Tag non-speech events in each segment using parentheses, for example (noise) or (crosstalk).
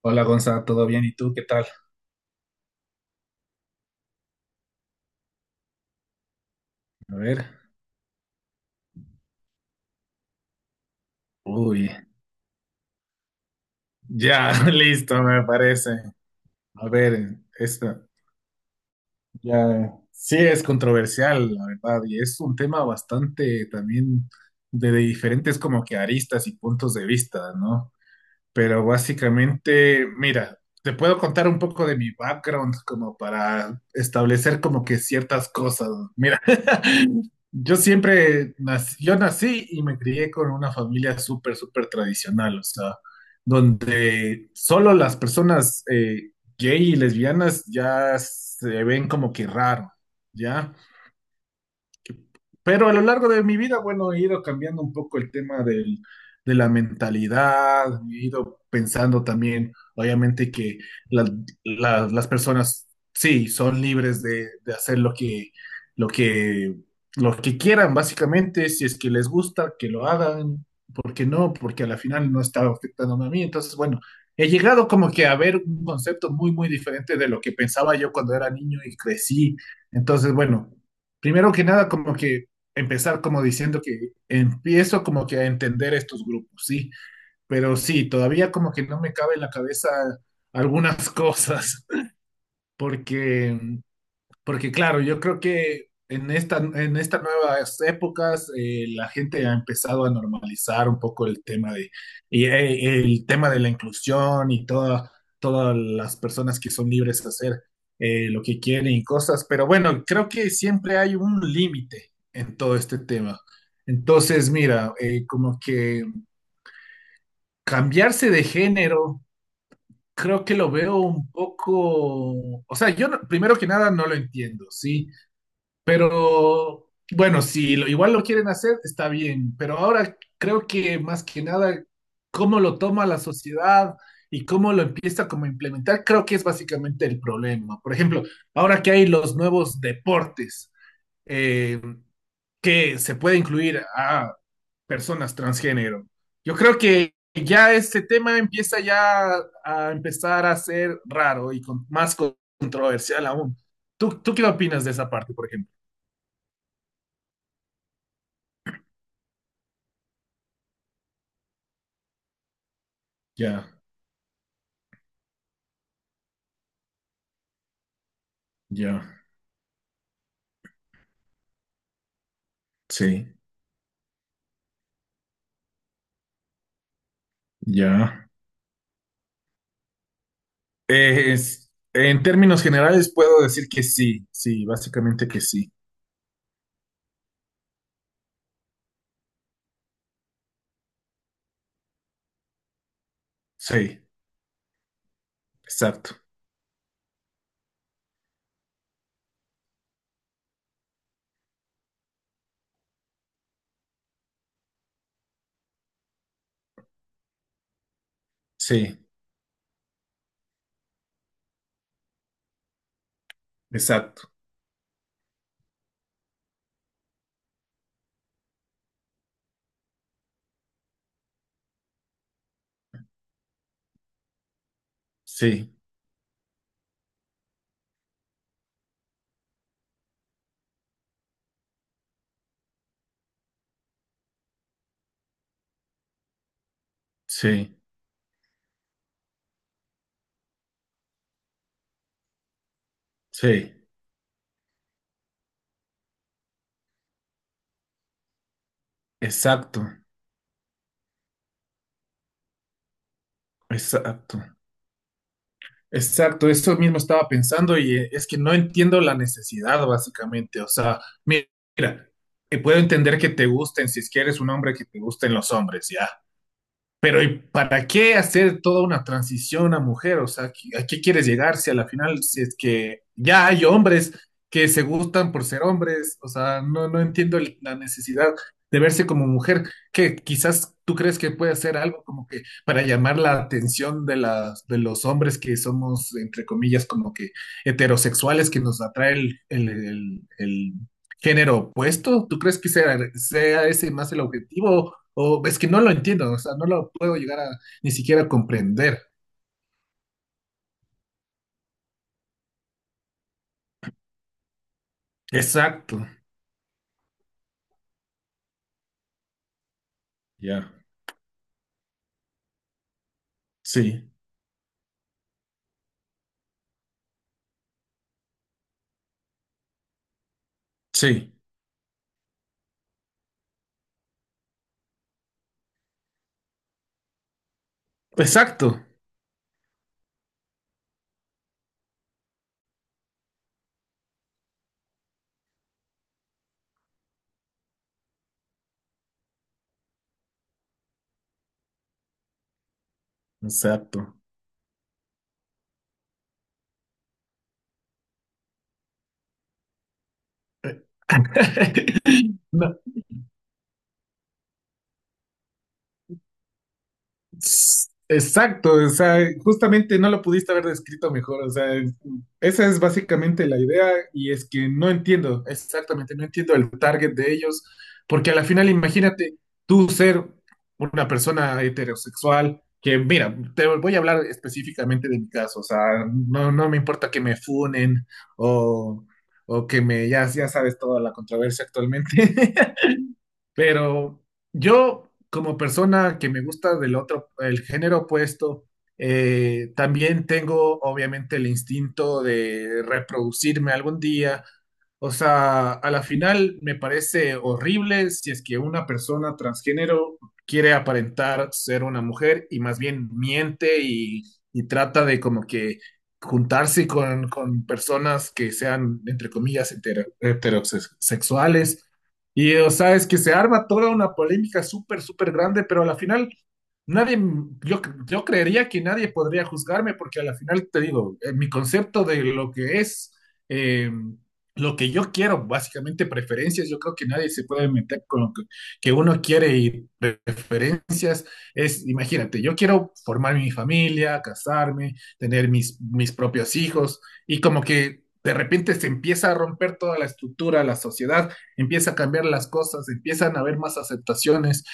Hola Gonza, ¿todo bien? ¿Y tú qué tal? A ver. Uy, ya, (laughs) listo, me parece. A ver, esta ya sí es controversial, la verdad, y es un tema bastante también de diferentes como que aristas y puntos de vista, ¿no? Pero básicamente, mira, te puedo contar un poco de mi background como para establecer como que ciertas cosas. Mira, (laughs) yo siempre nací, yo nací y me crié con una familia súper, súper tradicional, o sea, donde solo las personas gay y lesbianas ya se ven como que raro, ¿ya? Pero a lo largo de mi vida, bueno, he ido cambiando un poco el tema de la mentalidad, he ido pensando también, obviamente, que la- las personas, sí, son libres de hacer lo lo que, lo que quieran, básicamente, si es que les gusta, que lo hagan, ¿por qué no? Porque a la final no está afectando a mí. Entonces, bueno, he llegado como que a ver un concepto muy, muy diferente de lo que pensaba yo cuando era niño y crecí. Entonces, bueno. Primero que nada, como que empezar como diciendo que empiezo como que a entender estos grupos, sí, pero sí, todavía como que no me cabe en la cabeza algunas cosas, (laughs) porque porque claro, yo creo que en estas nuevas épocas la gente ha empezado a normalizar un poco el tema de, y, el tema de la inclusión y todas las personas que son libres de hacer lo que quieren y cosas, pero bueno, creo que siempre hay un límite en todo este tema. Entonces, mira, como que cambiarse de género, creo que lo veo un poco, o sea, yo no- primero que nada no lo entiendo, ¿sí? Pero bueno, si lo- igual lo quieren hacer, está bien, pero ahora creo que más que nada, cómo lo toma la sociedad y cómo lo empieza como a implementar, creo que es básicamente el problema. Por ejemplo, ahora que hay los nuevos deportes, eh, que se puede incluir a personas transgénero, yo creo que ya ese tema empieza ya a empezar a ser raro y con- más controversial aún. ¿Tú qué opinas de esa parte, por ejemplo? Ya. Ya, sí, ya. Es- en términos generales puedo decir que sí, sí, básicamente que sí. Sí, exacto. Sí, exacto. Sí, sí, sí, exacto, exacto. Exacto, eso mismo estaba pensando y es que no entiendo la necesidad, básicamente. O sea, mi- mira, puedo entender que te gusten si es que eres un hombre que te gusten los hombres, ya. Pero ¿y para qué hacer toda una transición a mujer? O sea, a qué quieres llegar si a la final, si es que ya hay hombres que se gustan por ser hombres? O sea, no, no entiendo el- la necesidad de verse como mujer, que quizás tú crees que puede hacer algo como que para llamar la atención de de los hombres que somos, entre comillas, como que heterosexuales, que nos atrae el género opuesto. ¿Tú crees que sea ese más el objetivo? O es que no lo entiendo, o sea, no lo puedo llegar a ni siquiera comprender. Exacto. Ya. Sí. Sí. Exacto. Exacto. (laughs) No, exacto, o sea, justamente no lo pudiste haber descrito mejor, o sea, es- esa es básicamente la idea y es que no entiendo, exactamente, no entiendo el target de ellos, porque a la final imagínate tú ser una persona heterosexual, que mira, te voy a hablar específicamente de mi caso, o sea, no, no me importa que me funen o, o que me, ya, ya sabes toda la controversia actualmente, (laughs) pero yo, como persona que me gusta del otro, el género opuesto, también tengo obviamente el instinto de reproducirme algún día, o sea, a la final me parece horrible si es que una persona transgénero quiere aparentar ser una mujer y más bien miente y trata de como que juntarse con personas que sean, entre comillas, hetero- heterosexuales. Y, o sea, es que se arma toda una polémica súper, súper grande, pero a la final nadie, yo creería que nadie podría juzgarme porque a la final te digo, mi concepto de lo que es, eh, lo que yo quiero, básicamente preferencias, yo creo que nadie se puede meter con lo que uno quiere y preferencias. Es, imagínate, yo quiero formar mi familia, casarme, tener mis propios hijos y como que de repente se empieza a romper toda la estructura, la sociedad empieza a cambiar las cosas, empiezan a haber más aceptaciones.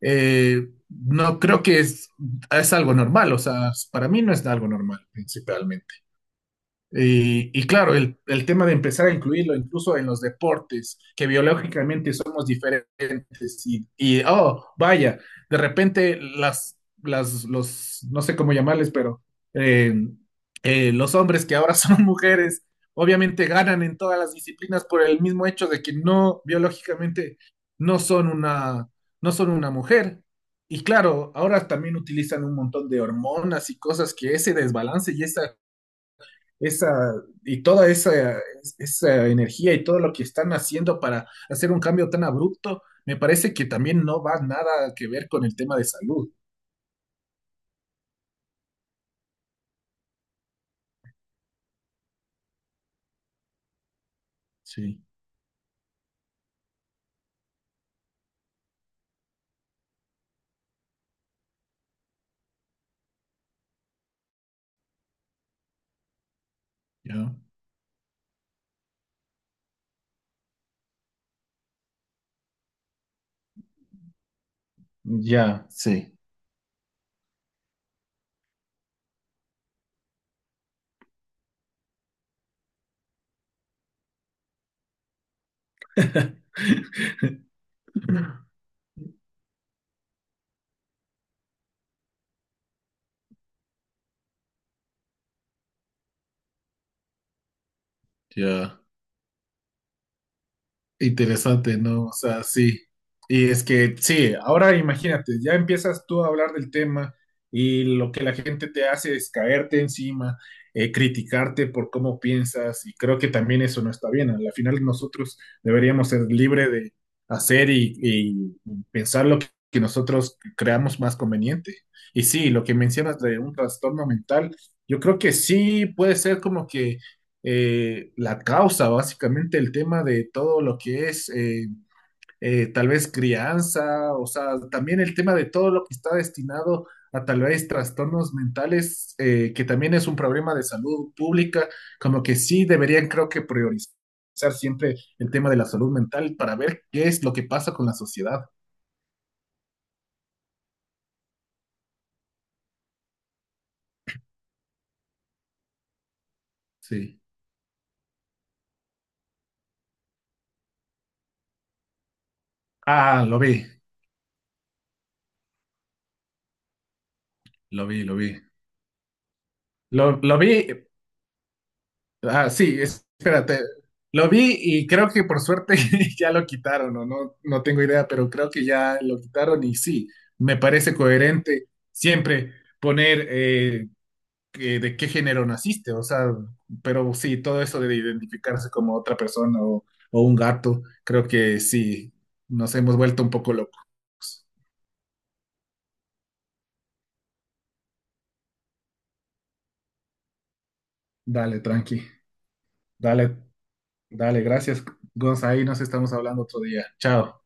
No creo que es algo normal, o sea, para mí no es algo normal principalmente. Y claro, el tema de empezar a incluirlo incluso en los deportes, que biológicamente somos diferentes y, oh, vaya, de repente los, no sé cómo llamarles, pero eh, los hombres que ahora son (laughs) mujeres, obviamente ganan en todas las disciplinas por el mismo hecho de que no, biológicamente, no son una, no son una mujer. Y claro, ahora también utilizan un montón de hormonas y cosas que ese desbalance y esa esa y toda esa energía y todo lo que están haciendo para hacer un cambio tan abrupto, me parece que también no va nada que ver con el tema de salud. Sí, ya, ya, sí, (laughs) ya. Interesante, ¿no? O sea, sí. Y es que, sí, ahora imagínate, ya empiezas tú a hablar del tema y lo que la gente te hace es caerte encima, criticarte por cómo piensas y creo que también eso no está bien. ¿No? Al final nosotros deberíamos ser libres de hacer y pensar lo que nosotros creamos más conveniente. Y sí, lo que mencionas de un trastorno mental, yo creo que sí puede ser como que la causa, básicamente el tema de todo lo que es tal vez crianza, o sea, también el tema de todo lo que está destinado a tal vez trastornos mentales, que también es un problema de salud pública, como que sí deberían creo que priorizar siempre el tema de la salud mental para ver qué es lo que pasa con la sociedad. Sí, ah, lo vi, lo vi, lo vi. Lo vi, ah, sí, espérate. Lo vi y creo que por suerte (laughs) ya lo quitaron, o no, no tengo idea, pero creo que ya lo quitaron y sí, me parece coherente siempre poner que- de qué género naciste, o sea, pero sí, todo eso de identificarse como otra persona o un gato, creo que sí, nos hemos vuelto un poco locos. Dale, tranqui, dale, dale, gracias, Gonza, ahí nos estamos hablando otro día. Chao.